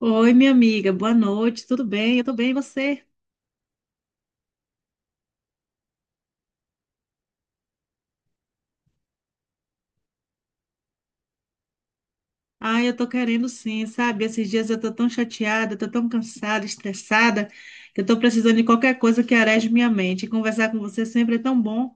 Oi, minha amiga, boa noite, tudo bem? Eu tô bem, e você? Ah, eu tô querendo sim, sabe? Esses dias eu tô tão chateada, eu tô tão cansada, estressada, que eu tô precisando de qualquer coisa que areje minha mente. E conversar com você sempre é tão bom.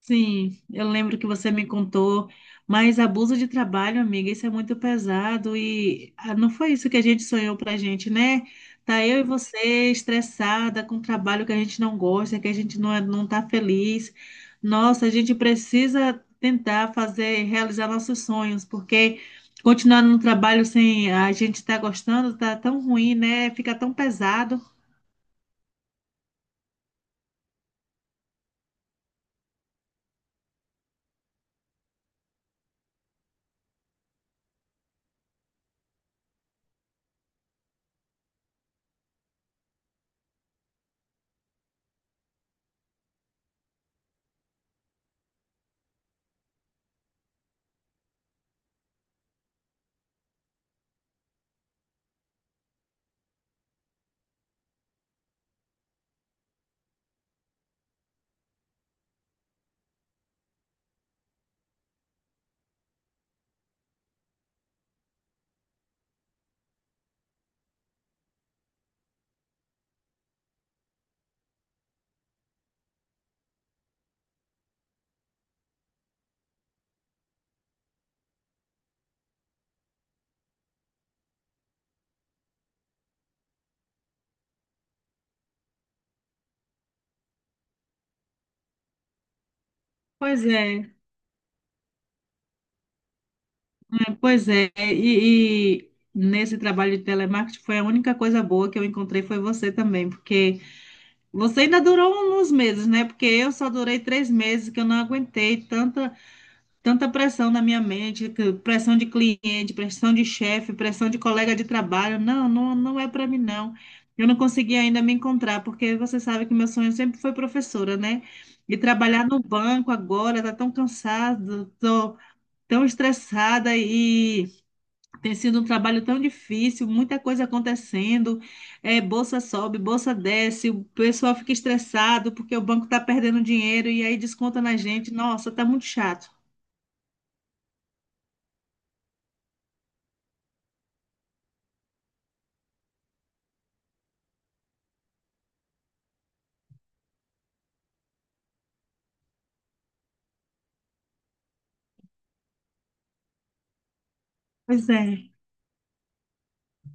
Sim, eu lembro que você me contou, mas abuso de trabalho, amiga, isso é muito pesado e ah, não foi isso que a gente sonhou pra gente, né? Tá, eu e você estressada com um trabalho que a gente não gosta, que a gente não, é- não tá feliz. Nossa, a gente precisa tentar fazer, realizar nossos sonhos, porque continuar no trabalho sem a gente estar gostando tá tão ruim, né? Fica tão pesado. Pois é. É, pois é, e nesse trabalho de telemarketing foi a única coisa boa que eu encontrei, foi você também, porque você ainda durou uns meses, né? Porque eu só durei três meses, que eu não aguentei tanta pressão na minha mente, pressão de cliente, pressão de chefe, pressão de colega de trabalho. Não, não, não é para mim, não. Eu não consegui ainda me encontrar, porque você sabe que meu sonho sempre foi professora, né? E trabalhar no banco agora, tá tão cansado, tô tão estressada e tem sido um trabalho tão difícil, muita coisa acontecendo, é, bolsa sobe, bolsa desce, o pessoal fica estressado porque o banco está perdendo dinheiro e aí desconta na gente. Nossa, tá muito chato. Pois é.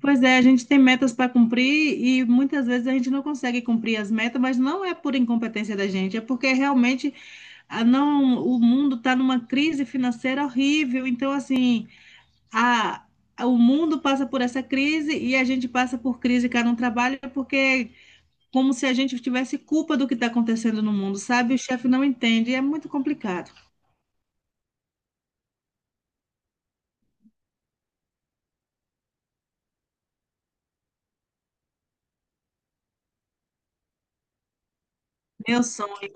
Pois é, a gente tem metas para cumprir e muitas vezes a gente não consegue cumprir as metas, mas não é por incompetência da gente, é porque realmente a não, o mundo está numa crise financeira horrível. Então, assim, a, o mundo passa por essa crise e a gente passa por crise cá no trabalho, porque como se a gente tivesse culpa do que está acontecendo no mundo, sabe? O chefe não entende, é muito complicado. Meu sonho.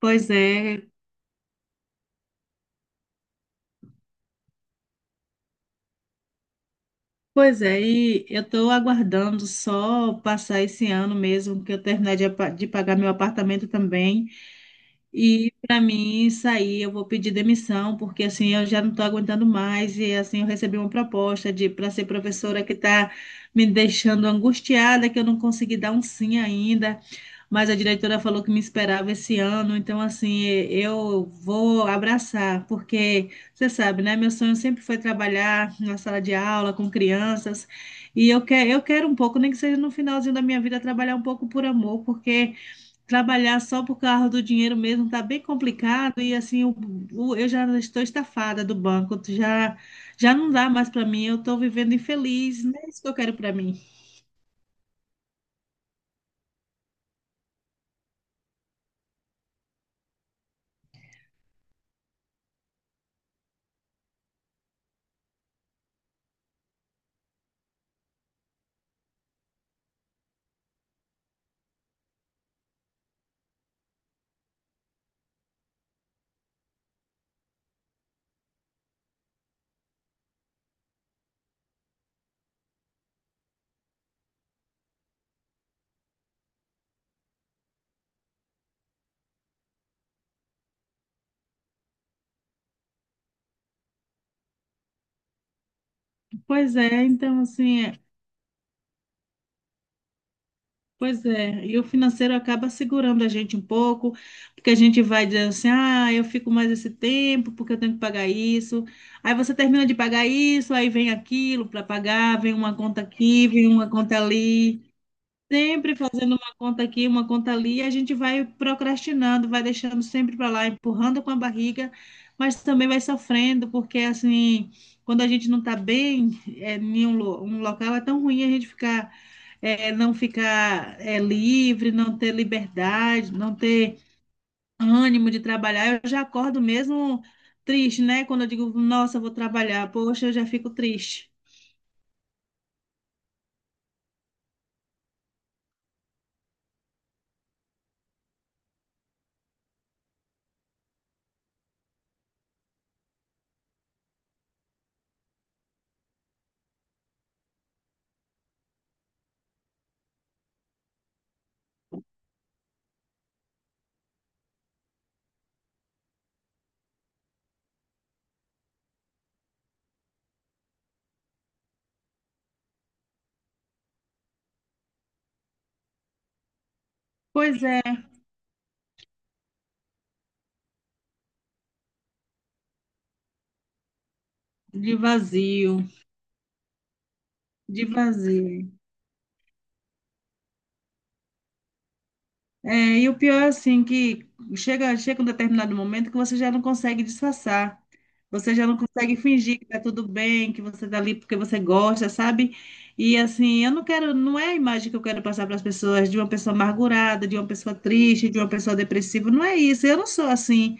Pois é, pois é, e eu estou aguardando só passar esse ano mesmo, que eu terminar de, de pagar meu apartamento também. E para mim sair, eu vou pedir demissão, porque assim eu já não estou aguentando mais. E assim eu recebi uma proposta de para ser professora que está me deixando angustiada, que eu não consegui dar um sim ainda. Mas a diretora falou que me esperava esse ano, então assim eu vou abraçar, porque você sabe, né? Meu sonho sempre foi trabalhar na sala de aula com crianças. E eu que, eu quero um pouco, nem que seja no finalzinho da minha vida, trabalhar um pouco por amor, porque. Trabalhar só por causa do dinheiro mesmo tá bem complicado e assim eu já estou estafada do banco, já não dá mais para mim, eu estou vivendo infeliz, não é isso que eu quero para mim. Pois é, então assim, é, pois é, e o financeiro acaba segurando a gente um pouco, porque a gente vai dizendo assim, ah, eu fico mais esse tempo porque eu tenho que pagar isso. Aí você termina de pagar isso, aí vem aquilo para pagar, vem uma conta aqui, vem uma conta ali. Sempre fazendo uma conta aqui, uma conta ali, e a gente vai procrastinando, vai deixando sempre para lá, empurrando com a barriga, mas também vai sofrendo, porque assim, quando a gente não está bem é, um local, é tão ruim a gente ficar, é, não ficar é, livre, não ter liberdade, não ter ânimo de trabalhar. Eu já acordo mesmo triste, né? Quando eu digo, nossa, eu vou trabalhar, poxa, eu já fico triste. Pois é, de vazio, de vazio. É, e o pior é assim, que chega um determinado momento que você já não consegue disfarçar. Você já não consegue fingir que tá tudo bem, que você tá ali porque você gosta, sabe? E assim, eu não quero, não é a imagem que eu quero passar para as pessoas, de uma pessoa amargurada, de uma pessoa triste, de uma pessoa depressiva. Não é isso. Eu não sou assim.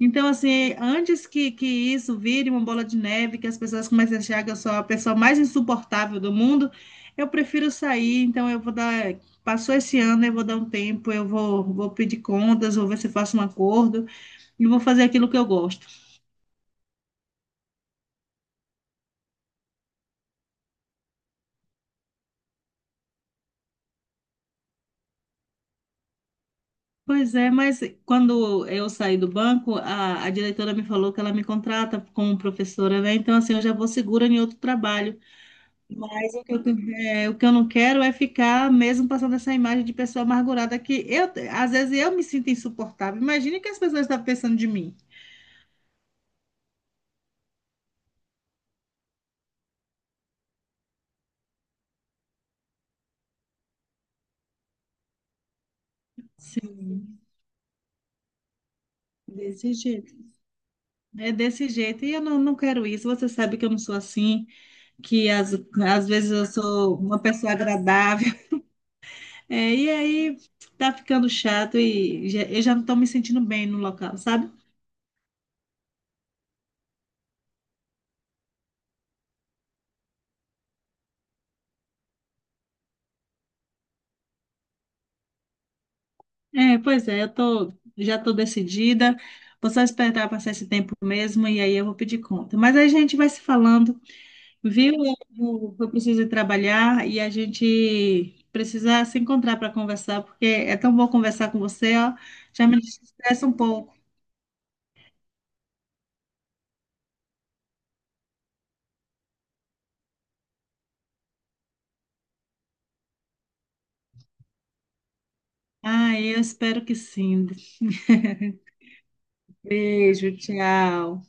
Então, assim, antes que isso vire uma bola de neve, que as pessoas comecem a achar que eu sou a pessoa mais insuportável do mundo, eu prefiro sair. Então, eu vou dar. Passou esse ano, eu vou dar um tempo, vou pedir contas, vou ver se faço um acordo e vou fazer aquilo que eu gosto. Pois é, mas quando eu saí do banco, a diretora me falou que ela me contrata como professora, né? Então, assim, eu já vou segura em outro trabalho. Mas o que eu não quero é ficar mesmo passando essa imagem de pessoa amargurada, que eu, às vezes eu me sinto insuportável. Imagine o que as pessoas estão pensando de mim. Sim, desse jeito. É desse jeito. E eu não, não quero isso. Você sabe que eu não sou assim, que às, às vezes eu sou uma pessoa agradável. É, e aí tá ficando chato e eu já não estou me sentindo bem no local, sabe? É, pois é, já tô decidida. Vou só esperar passar esse tempo mesmo e aí eu vou pedir conta. Mas aí a gente vai se falando, viu? Eu preciso ir trabalhar e a gente precisa se encontrar para conversar, porque é tão bom conversar com você, ó. Já me estressa um pouco. Ah, eu espero que sim. Beijo, tchau.